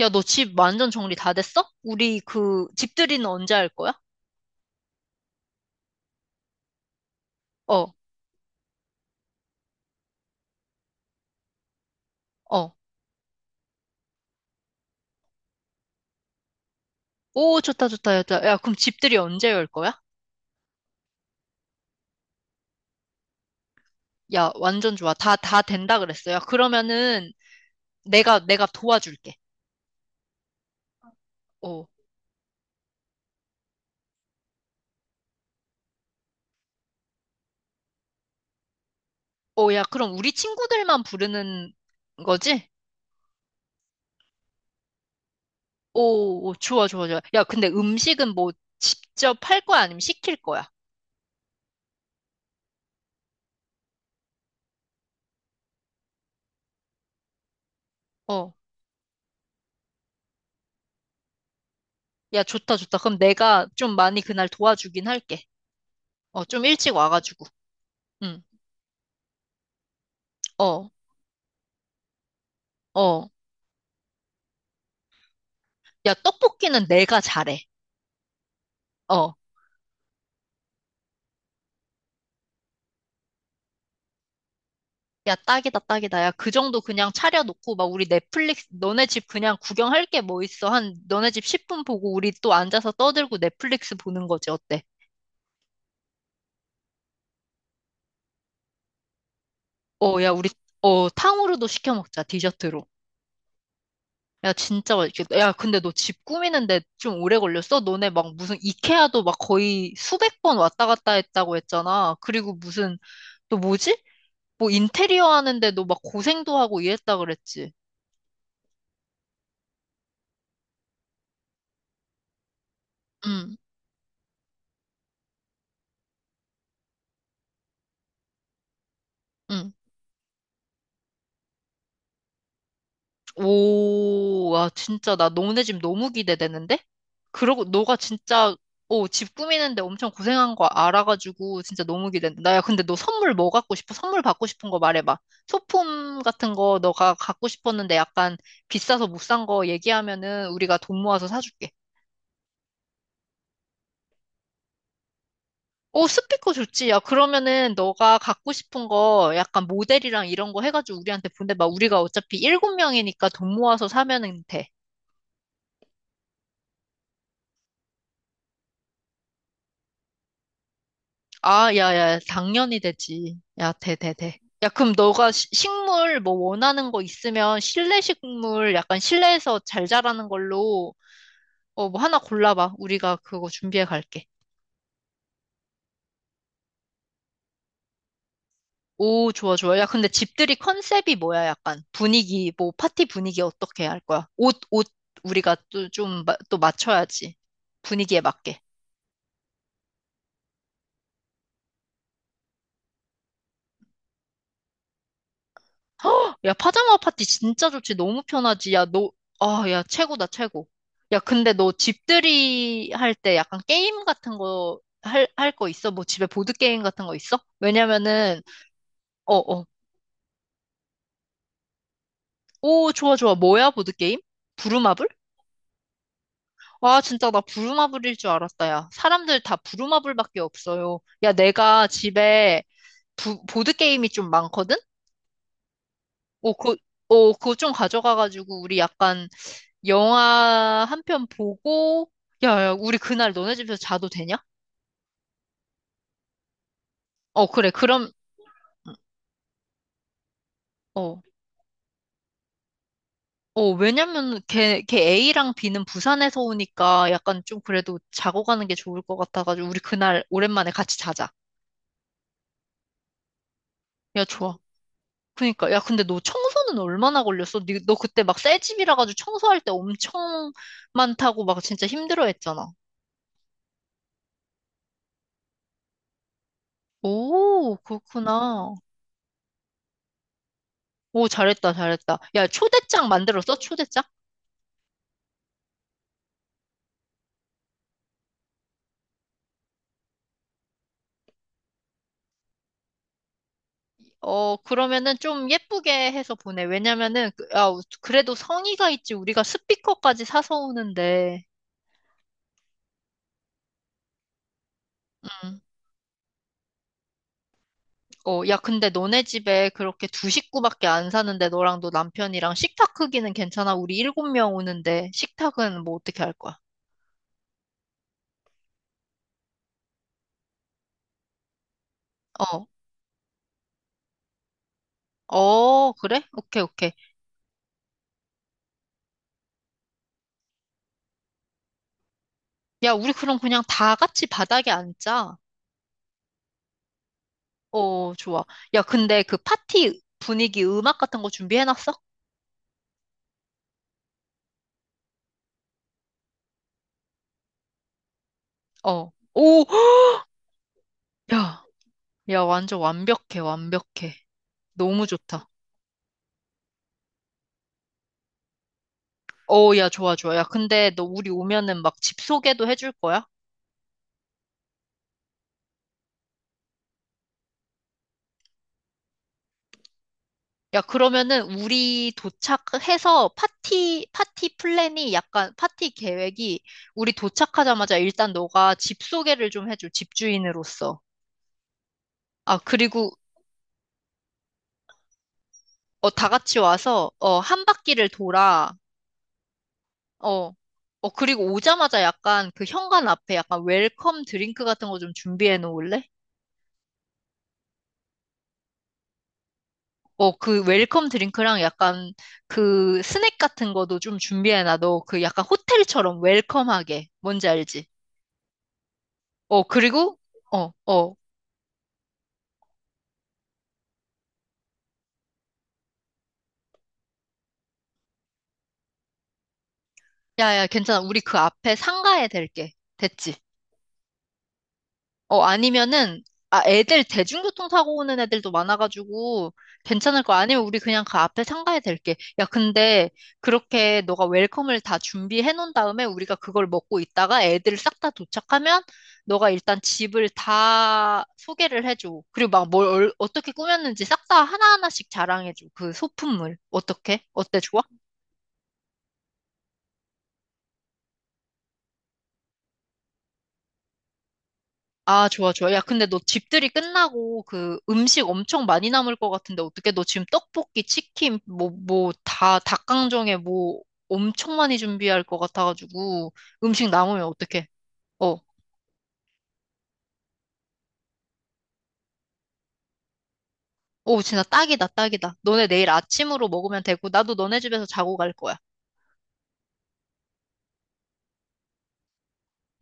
야, 너 집 완전 정리 다 됐어? 우리 그 집들이는 언제 할 거야? 어, 어. 오, 좋다, 좋다, 좋다. 야, 그럼 집들이 언제 열 거야? 야, 완전 좋아. 다 된다 그랬어. 야, 그러면은 내가 도와줄게. 어, 어, 야, 그럼 우리 친구들만 부르는 거지? 오, 오, 좋아, 좋아, 좋아. 야, 근데 음식은 뭐 직접 할 거야? 아니면 시킬 거야? 어, 야, 좋다, 좋다. 그럼 내가 좀 많이 그날 도와주긴 할게. 어, 좀 일찍 와가지고. 응, 어, 어. 야, 떡볶이는 내가 잘해. 어. 야, 딱이다, 딱이다. 야, 그 정도 그냥 차려놓고, 막, 우리 넷플릭스, 너네 집 그냥 구경할 게 뭐 있어. 한, 너네 집 10분 보고, 우리 또 앉아서 떠들고 넷플릭스 보는 거지, 어때? 어, 야, 우리, 어, 탕후루도 시켜 먹자, 디저트로. 야, 진짜 맛있겠다. 야, 근데 너 집 꾸미는데 좀 오래 걸렸어? 너네 막 무슨 이케아도 막 거의 수백 번 왔다 갔다 했다고 했잖아. 그리고 무슨, 또 뭐지? 뭐 인테리어 하는데도 막 고생도 하고 이랬다 그랬지. 응, 응. 오, 와, 진짜, 나 너네 집 너무 기대되는데? 그러고, 너가 진짜, 오, 집 꾸미는데 엄청 고생한 거 알아가지고, 진짜 너무 기대된다. 나야, 근데 너 선물 뭐 갖고 싶어? 선물 받고 싶은 거 말해봐. 소품 같은 거 너가 갖고 싶었는데 약간 비싸서 못 산 거 얘기하면은 우리가 돈 모아서 사줄게. 오, 스피커 좋지. 야, 그러면은 너가 갖고 싶은 거 약간 모델이랑 이런 거 해가지고 우리한테 보내봐. 우리가 어차피 일곱 명이니까 돈 모아서 사면은 돼. 아, 야, 야, 당연히 되지. 야, 돼, 돼, 돼. 야, 그럼 너가 식물 뭐 원하는 거 있으면 실내 식물 약간 실내에서 잘 자라는 걸로 어, 뭐 하나 골라봐. 우리가 그거 준비해 갈게. 오, 좋아, 좋아. 야, 근데 집들이 컨셉이 뭐야? 약간 분위기, 뭐 파티 분위기 어떻게 할 거야? 옷, 옷, 우리가 또 좀, 또 맞춰야지. 분위기에 맞게. 야, 파자마 파티 진짜 좋지. 너무 편하지. 야, 너, 아, 야, 최고다, 최고. 야, 근데 너 집들이 할 때 약간 게임 같은 거 할, 할 거 있어? 뭐 집에 보드게임 같은 거 있어? 왜냐면은, 어, 어. 오, 좋아, 좋아. 뭐야, 보드게임? 부루마블? 아, 진짜 나 부루마블일 줄 알았다, 야. 사람들 다 부루마블밖에 없어요. 야, 내가 집에 보드게임이 좀 많거든? 오, 그, 오, 그거 좀 가져가가지고 우리 약간 영화 한 편 보고, 야, 야, 우리 그날 너네 집에서 자도 되냐? 어, 그래. 그럼, 어, 어, 왜냐면 걔 A랑 B는 부산에서 오니까 약간 좀 그래도 자고 가는 게 좋을 것 같아가지고, 우리 그날 오랜만에 같이 자자. 야, 좋아. 그니까. 야, 근데 너 청소는 얼마나 걸렸어? 너 그때 막 새 집이라 가지고 청소할 때 엄청 많다고 막 진짜 힘들어 했잖아. 오, 그렇구나. 오, 잘했다, 잘했다. 야, 초대장 만들었어? 초대장? 어, 그러면은 좀 예쁘게 해서 보내. 왜냐면은, 야, 그래도 성의가 있지. 우리가 스피커까지 사서 오는데. 음. 어, 야, 근데 너네 집에 그렇게 두 식구밖에 안 사는데 너랑 너 남편이랑 식탁 크기는 괜찮아? 우리 일곱 명 오는데 식탁은 뭐 어떻게 할 거야? 어. 어, 그래? 오케이, 오케이. 야, 우리 그럼 그냥 다 같이 바닥에 앉자. 어, 좋아. 야, 근데 그 파티 분위기 음악 같은 거 준비해놨어? 어. 오, 야. 야, 완전 완벽해, 완벽해. 너무 좋다. 어, 야, 좋아, 좋아. 야, 근데 너 우리 오면은 막 집 소개도 해줄 거야? 야, 그러면은 우리 도착해서 파티 플랜이 약간, 파티 계획이 우리 도착하자마자 일단 너가 집 소개를 좀 해줘, 집주인으로서. 아, 그리고, 어, 다 같이 와서, 어, 한 바퀴를 돌아. 어, 어, 그리고 오자마자 약간 그 현관 앞에 약간 웰컴 드링크 같은 거 좀 준비해 놓을래? 어, 그 웰컴 드링크랑 약간 그 스낵 같은 것도 좀 준비해놔. 너그 약간 호텔처럼 웰컴하게. 뭔지 알지? 어, 그리고, 어, 어. 야, 야, 괜찮아. 우리 그 앞에 상가에 댈게. 됐지? 어, 아니면은, 아, 애들 대중교통 사고 오는 애들도 많아가지고 괜찮을 거야. 아니면 우리 그냥 그 앞에 상가에 댈게. 야, 근데 그렇게 너가 웰컴을 다 준비해 놓은 다음에 우리가 그걸 먹고 있다가 애들 싹 다 도착하면 너가 일단 집을 다 소개를 해줘. 그리고 막 뭘 어떻게 꾸몄는지 싹 다 하나하나씩 자랑해줘. 그 소품물. 어떻게? 어때? 좋아? 아, 좋아, 좋아. 야, 근데 너 집들이 끝나고 그 음식 엄청 많이 남을 것 같은데 어떻게 너 지금 떡볶이, 치킨, 다, 닭강정에 뭐 엄청 많이 준비할 것 같아가지고 음식 남으면 어떡해? 어, 오, 진짜 딱이다, 딱이다. 너네 내일 아침으로 먹으면 되고 나도 너네 집에서 자고 갈 거야.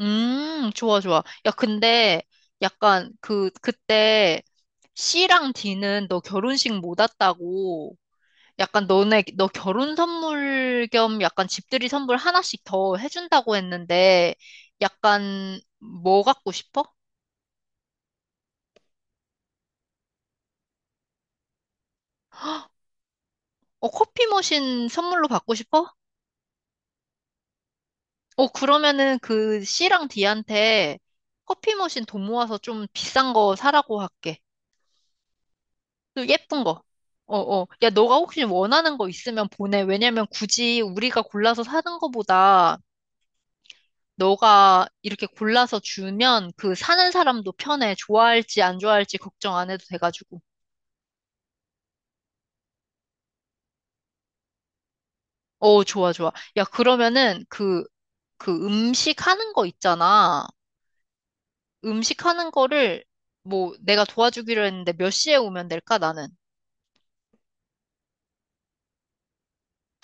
좋아, 좋아. 야, 근데 약간 그때 C랑 D는 너 결혼식 못 왔다고 약간 너네, 너 결혼 선물 겸 약간 집들이 선물 하나씩 더 해준다고 했는데, 약간 뭐 갖고 싶어? 어, 커피 머신 선물로 받고 싶어? 어, 그러면은 그 C랑 D한테 커피 머신 돈 모아서 좀 비싼 거 사라고 할게. 또 예쁜 거. 어, 어. 야, 너가 혹시 원하는 거 있으면 보내. 왜냐면 굳이 우리가 골라서 사는 거보다 너가 이렇게 골라서 주면 그 사는 사람도 편해. 좋아할지 안 좋아할지 걱정 안 해도 돼가지고. 어, 좋아, 좋아. 야, 그러면은 그 음식 하는 거 있잖아. 음식 하는 거를 뭐 내가 도와주기로 했는데 몇 시에 오면 될까, 나는?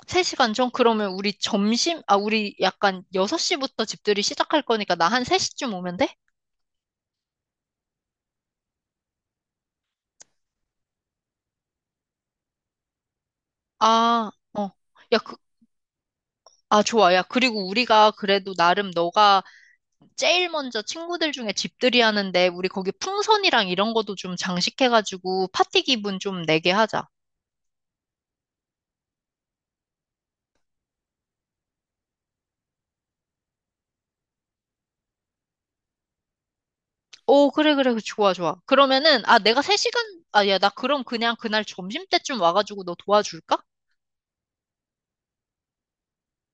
3시간 전? 그러면 우리 점심, 아, 우리 약간 6시부터 집들이 시작할 거니까 나 한 3시쯤 오면 돼? 아, 어. 야, 그, 아, 좋아. 야, 그리고 우리가 그래도 나름 너가 제일 먼저 친구들 중에 집들이 하는데 우리 거기 풍선이랑 이런 것도 좀 장식해가지고 파티 기분 좀 내게 하자. 오, 그래, 그래, 좋아, 좋아. 그러면은, 아, 내가 3시간, 아, 야, 나 그럼 그냥 그날 점심때쯤 와가지고 너 도와줄까?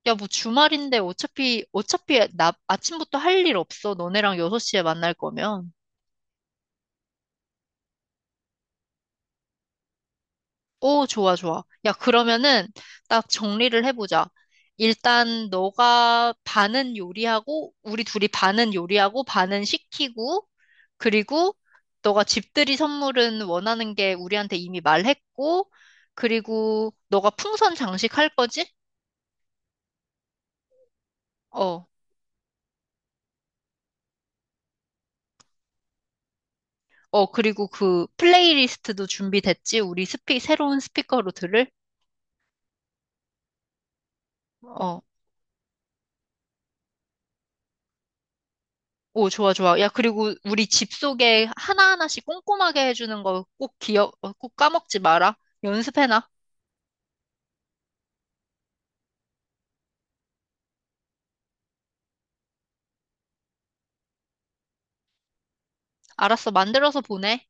야, 뭐 주말인데 어차피 나 아침부터 할 일 없어. 너네랑 6시에 만날 거면. 오, 좋아, 좋아. 야, 그러면은 딱 정리를 해보자. 일단 너가 반은 요리하고, 우리 둘이 반은 요리하고, 반은 시키고, 그리고 너가 집들이 선물은 원하는 게 우리한테 이미 말했고, 그리고 너가 풍선 장식할 거지? 어, 어, 그리고 그 플레이리스트도 준비됐지? 우리 스피, 새로운 스피커로 들을? 어. 오, 좋아, 좋아. 야, 그리고 우리 집 소개 하나하나씩 꼼꼼하게 해주는 거 꼭 기억, 어, 꼭 까먹지 마라. 연습해놔. 알았어, 만들어서 보내.